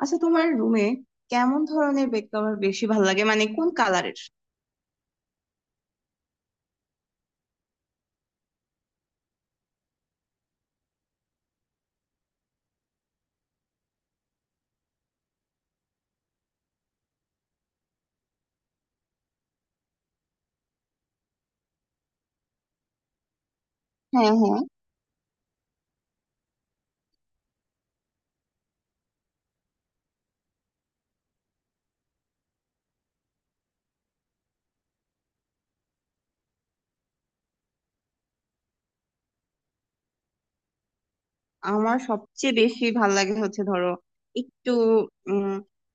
আচ্ছা, তোমার রুমে কেমন ধরনের বেড কভার বেশি ভালো লাগে, মানে কোন কালারের? হ্যাঁ, হ্যাঁ, আমার সবচেয়ে বেশি ভালো লাগে হচ্ছে, ধরো, একটু উম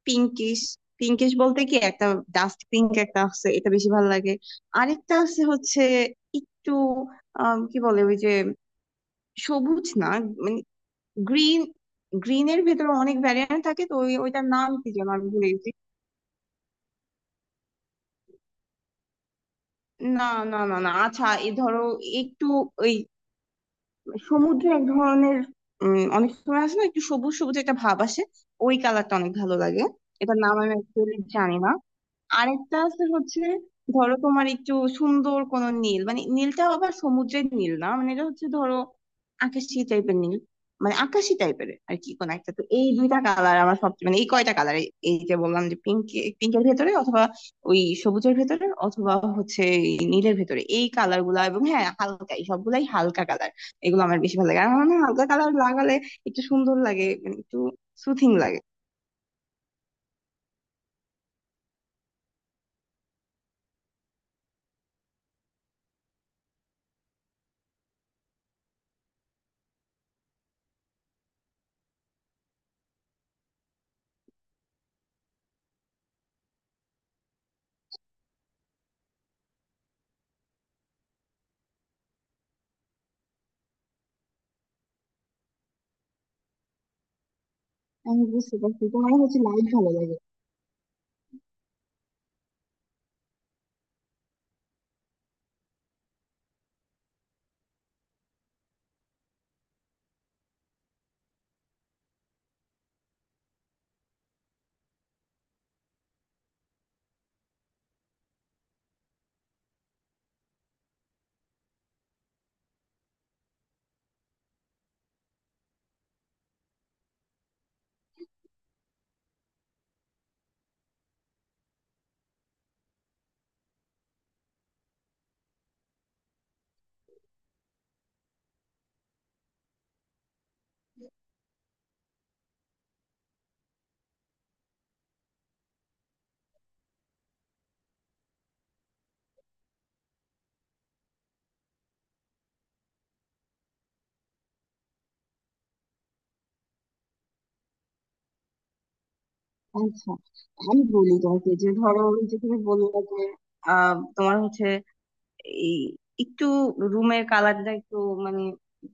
পিঙ্কিশ। পিঙ্কিশ বলতে, কি একটা ডাস্ট পিঙ্ক একটা আছে, এটা বেশি ভালো লাগে। আরেকটা আছে হচ্ছে, একটু কি বলে ওই যে সবুজ না, মানে গ্রিন। গ্রিনের ভেতরে অনেক ভ্যারিয়েন্ট থাকে, তো ওইটার নাম কি যেন আমি ভুলে গেছি। না, না, না, না, আচ্ছা এই ধরো, একটু ওই সমুদ্রে এক ধরনের, অনেক সময় আসে না, একটু সবুজ সবুজ একটা ভাব আসে, ওই কালারটা অনেক ভালো লাগে। এটার নাম আমি অ্যাকচুয়ালি জানি না। আরেকটা আছে হচ্ছে, ধরো তোমার একটু সুন্দর কোন নীল, মানে নীলটা আবার সমুদ্রের নীল না, মানে এটা হচ্ছে ধরো আকাশি টাইপের নীল। মানে আকাশি টাইপের আর কি কোন একটা, তো এই দুইটা কালার আমার সবচেয়ে, মানে এই কয়টা কালার— এই যে বললাম যে পিঙ্ক। পিঙ্কের ভেতরে অথবা ওই সবুজের ভেতরে অথবা হচ্ছে এই নীলের ভেতরে, এই কালার গুলা, এবং হ্যাঁ হালকা, এই সবগুলাই হালকা কালার। এগুলো আমার বেশি ভালো লাগে। আর আমার মনে হয় হালকা কালার লাগালে একটু সুন্দর লাগে, মানে একটু সুথিং লাগে। আমি বুঝতে পারছি, তোমার হচ্ছে লাইট ভালো লাগে। আচ্ছা, আমি বলি তোমাকে, যে ধরো ওই যে তুমি বললে যে তোমার হচ্ছে এই একটু রুমের কালারটা একটু, মানে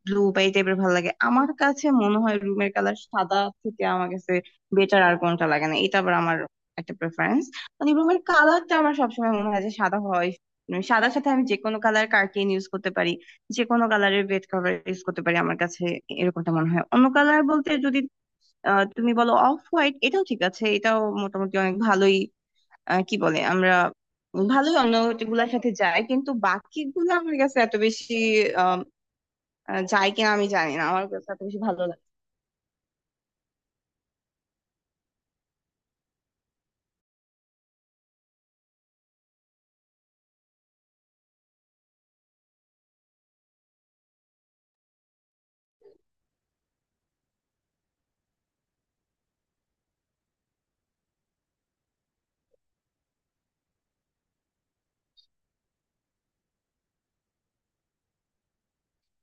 ব্লু বা এই টাইপের ভালো লাগে। আমার কাছে মনে হয় রুমের কালার সাদা থেকে আমার কাছে বেটার আর কোনটা লাগে না, এটা আবার আমার একটা প্রেফারেন্স। মানে রুমের কালারটা, আমার সবসময় মনে হয় যে সাদা হয়। মানে সাদার সাথে আমি যে কোনো কালার কার্টেন ইউজ করতে পারি, যে কোনো কালারের বেড কভার ইউজ করতে পারি, আমার কাছে এরকমটা মনে হয়। অন্য কালার বলতে যদি, তুমি বলো অফ হোয়াইট, এটাও ঠিক আছে, এটাও মোটামুটি অনেক ভালোই, কি বলে আমরা, ভালোই অন্য গুলার সাথে যায়। কিন্তু বাকিগুলো আমার কাছে এত বেশি আম, যায় কিনা আমি জানি না, আমার কাছে এত বেশি ভালো লাগে।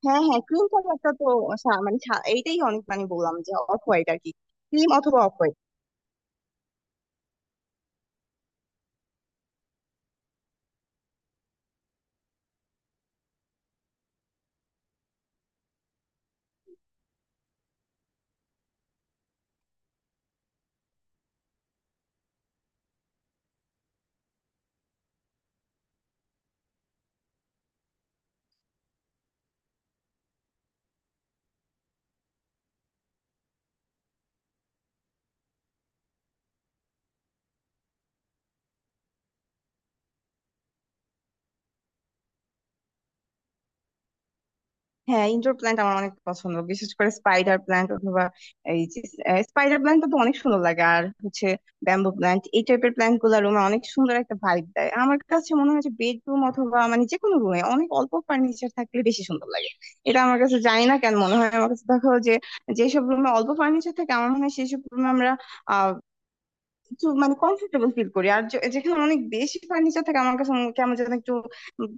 হ্যাঁ, হ্যাঁ, ক্রিম কালারটা তো মানে এইটাই, অনেক মানে বললাম যে অফ হোয়াইট আর কি, ক্রিম অথবা অফ হোয়াইট। হ্যাঁ, ইনডোর প্ল্যান্ট আমার অনেক পছন্দ, বিশেষ করে স্পাইডার প্ল্যান্ট অথবা এই যে, স্পাইডার প্ল্যান্ট তো অনেক সুন্দর লাগে। আর হচ্ছে ব্যাম্বু প্ল্যান্ট, এই টাইপের প্ল্যান্ট গুলা রুমে অনেক সুন্দর একটা ভাইব দেয়। আমার কাছে মনে হয় যে বেডরুম অথবা মানে যে কোনো রুমে অনেক অল্প ফার্নিচার থাকলে বেশি সুন্দর লাগে। এটা আমার কাছে, জানি না কেন মনে হয়, আমার কাছে দেখো যে, যেসব রুমে অল্প ফার্নিচার থাকে, আমার মনে হয় সেইসব রুমে আমরা আহ একটু, মানে কমফোর্টেবল ফিল করি। আর যেখানে অনেক বেশি ফার্নিচার থাকে, আমার কাছে কেমন যেন একটু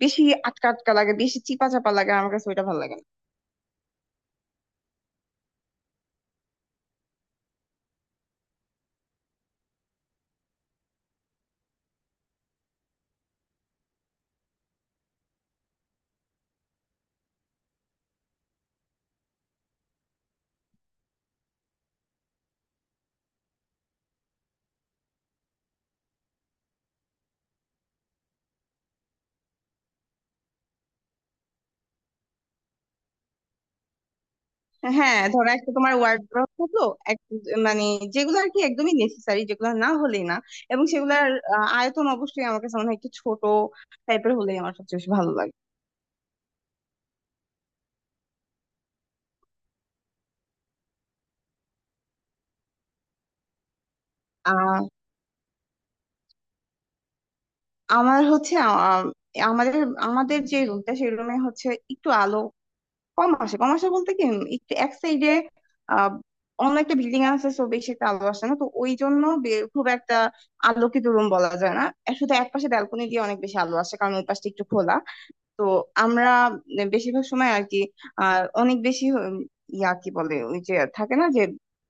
বেশি আটকা আটকা লাগে, বেশি চিপা চাপা লাগে, আমার কাছে ওইটা ভালো লাগে না। হ্যাঁ, ধরো একটা তোমার ওয়ার্ড্রব থাকলো, এক- মানে যেগুলো আর কি একদমই নেসেসারি, যেগুলো না হলেই না। এবং সেগুলোর আয়তন অবশ্যই আমার কাছে মনে হয় একটু ছোট টাইপের হলেই আমার সবচেয়ে বেশি ভালো লাগে। আহ আমার হচ্ছে, আমাদের আমাদের যে রুমটা সেই রুমে হচ্ছে একটু আলো কম আসে। কম আসে বলতে কি, একটু এক সাইডে আহ অন্য একটা বিল্ডিং আছে, সো বেশি একটা আলো আসে না। তো ওই জন্য খুব একটা আলোকিত রুম বলা যায় না। আর শুধু এক পাশে ব্যালকনি দিয়ে অনেক বেশি আলো আসে, কারণ ওই পাশটা একটু খোলা। তো আমরা বেশিরভাগ সময় আর কি, অনেক বেশি উম, ইয়া কি বলে ওই যে থাকে না যে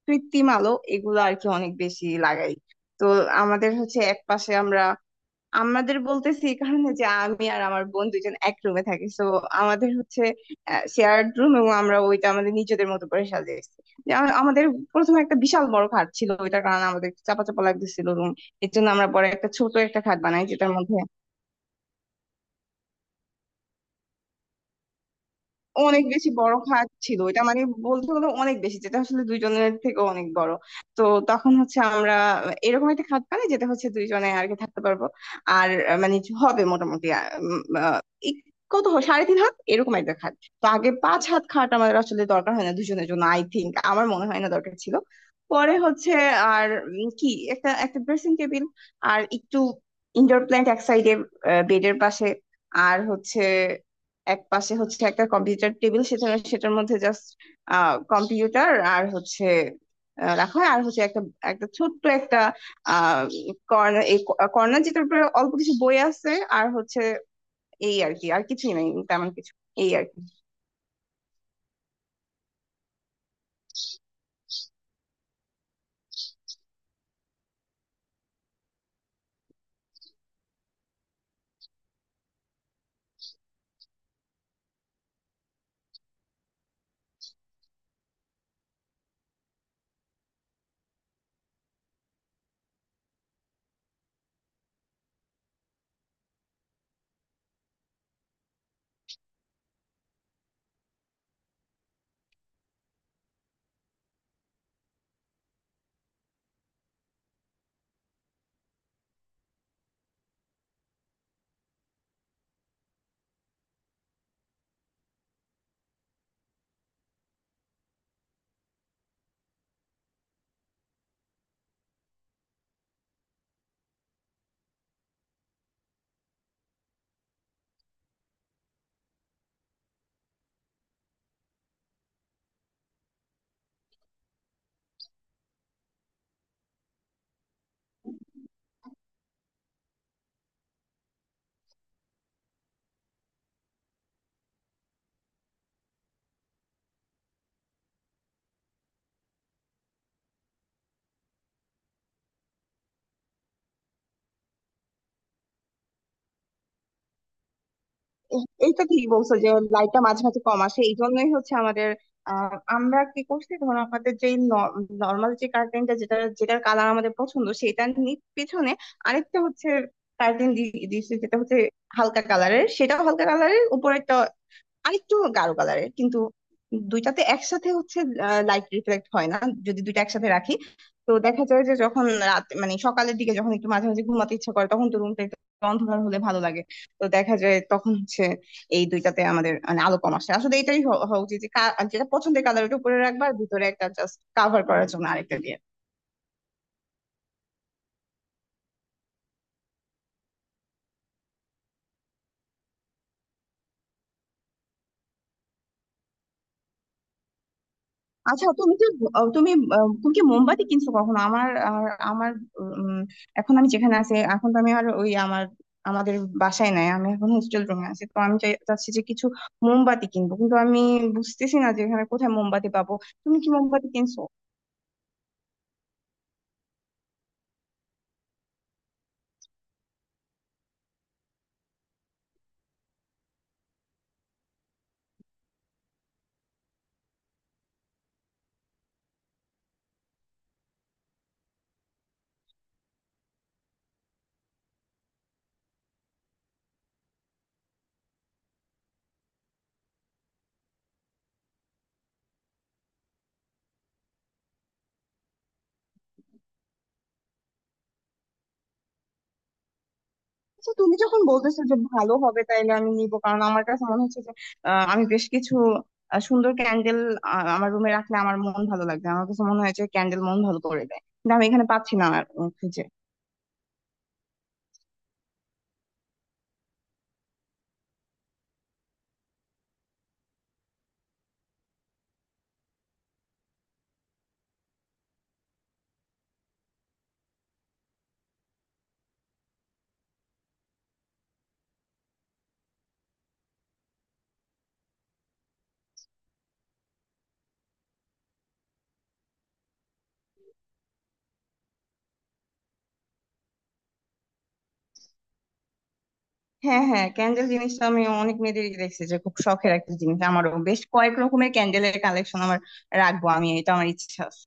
কৃত্রিম আলো, এগুলো আর কি অনেক বেশি লাগাই। তো আমাদের হচ্ছে এক পাশে আমরা, আমাদের বলতেছি এই কারণে যে আমি আর আমার বোন দুইজন এক রুমে থাকি, তো আমাদের হচ্ছে শেয়ার্ড রুম, এবং আমরা ওইটা আমাদের নিজেদের মতো করে সাজিয়েছি। যে আমাদের প্রথমে একটা বিশাল বড় খাট ছিল, ওইটার কারণে আমাদের চাপা চাপা লাগতেছিল রুম। এর জন্য আমরা পরে একটা ছোট একটা খাট বানাই, যেটার মধ্যে অনেক বেশি বড় ফাঁক ছিল, এটা মানে বলতে গেলে অনেক বেশি, যেটা আসলে দুইজনের থেকে অনেক বড়। তো তখন হচ্ছে আমরা এরকম একটা খাট পাই যেটা হচ্ছে দুইজনে আর কি থাকতে পারবো। আর মানে হবে মোটামুটি এক- কত হয়, সাড়ে 3 হাত এরকম একটা খাট। তো আগে 5 হাত খাট আমাদের আসলে দরকার হয় না দুজনের জন্য। আই থিংক, আমার মনে হয় না দরকার ছিল। পরে হচ্ছে আর কি একটা একটা ড্রেসিং টেবিল, আর একটু ইনডোর প্ল্যান্ট এক সাইডে বেডের পাশে। আর হচ্ছে এক পাশে হচ্ছে একটা কম্পিউটার টেবিল, সেখানে সেটার মধ্যে জাস্ট কম্পিউটার আর হচ্ছে রাখা হয়। আর হচ্ছে একটা একটা ছোট্ট একটা আহ কর্নার, এই কর্নার যেটার উপরে অল্প কিছু বই আছে। আর হচ্ছে এই আর কি, আর কিছুই নাই তেমন কিছু, এই আর কি। এইটা ঠিক বলছো যে লাইটটা মাঝে মাঝে কম আসে। এই জন্যই হচ্ছে আমাদের, আমরা কি করছি, ধরো আমাদের যে নর্মাল যে কার্টেনটা, যেটার কালার আমাদের পছন্দ, সেটার পিছনে আরেকটা হচ্ছে কার্টেন দিয়েছে, যেটা হচ্ছে হালকা কালারের, সেটাও হালকা কালারের, উপরেরটা আরেকটু গাঢ় কালারের। কিন্তু দুইটাতে একসাথে হচ্ছে লাইট রিফ্লেক্ট হয় না, যদি দুইটা একসাথে রাখি। তো দেখা যায় যে যখন রাত, মানে সকালের দিকে যখন একটু মাঝে মাঝে ঘুমাতে ইচ্ছা করে, তখন তো রুমটা একটু অন্ধকার হলে ভালো লাগে। তো দেখা যায় তখন হচ্ছে এই দুইটাতে আমাদের মানে আলো কম আসে। আসলে এটাই হওয়া উচিত, যে যেটা পছন্দের কালার, ওটা উপরে রাখবা, আর ভিতরে একটা জাস্ট কাভার করার জন্য আরেকটা দিয়ে। আচ্ছা তুমি কি, তুমি, তুমি কি মোমবাতি কিনছো কখনো? আমার আর আমার উম, এখন আমি যেখানে আছি, এখন তো আমি আর ওই আমার, আমাদের বাসায় নাই, আমি এখন হোস্টেল রুমে আছি। তো আমি চাচ্ছি যে কিছু মোমবাতি কিনবো, কিন্তু আমি বুঝতেছি না যে এখানে কোথায় মোমবাতি পাবো। তুমি কি মোমবাতি কিনছো? আচ্ছা, তুমি যখন বলতেছো যে ভালো হবে, তাইলে আমি নিবো, কারণ আমার কাছে মনে হচ্ছে যে আমি বেশ কিছু সুন্দর ক্যান্ডেল আমার রুমে রাখলে আমার মন ভালো লাগবে। আমার কাছে মনে হয় যে ক্যান্ডেল মন ভালো করে দেয়, কিন্তু আমি এখানে পাচ্ছি না আর খুঁজে। হ্যাঁ, হ্যাঁ, ক্যান্ডেল জিনিসটা আমি অনেক মেয়েদেরই দেখছি যে খুব শখের একটা জিনিস। আমারও বেশ কয়েক রকমের ক্যান্ডেলের কালেকশন আমার রাখবো আমি, এটা আমার ইচ্ছা আছে।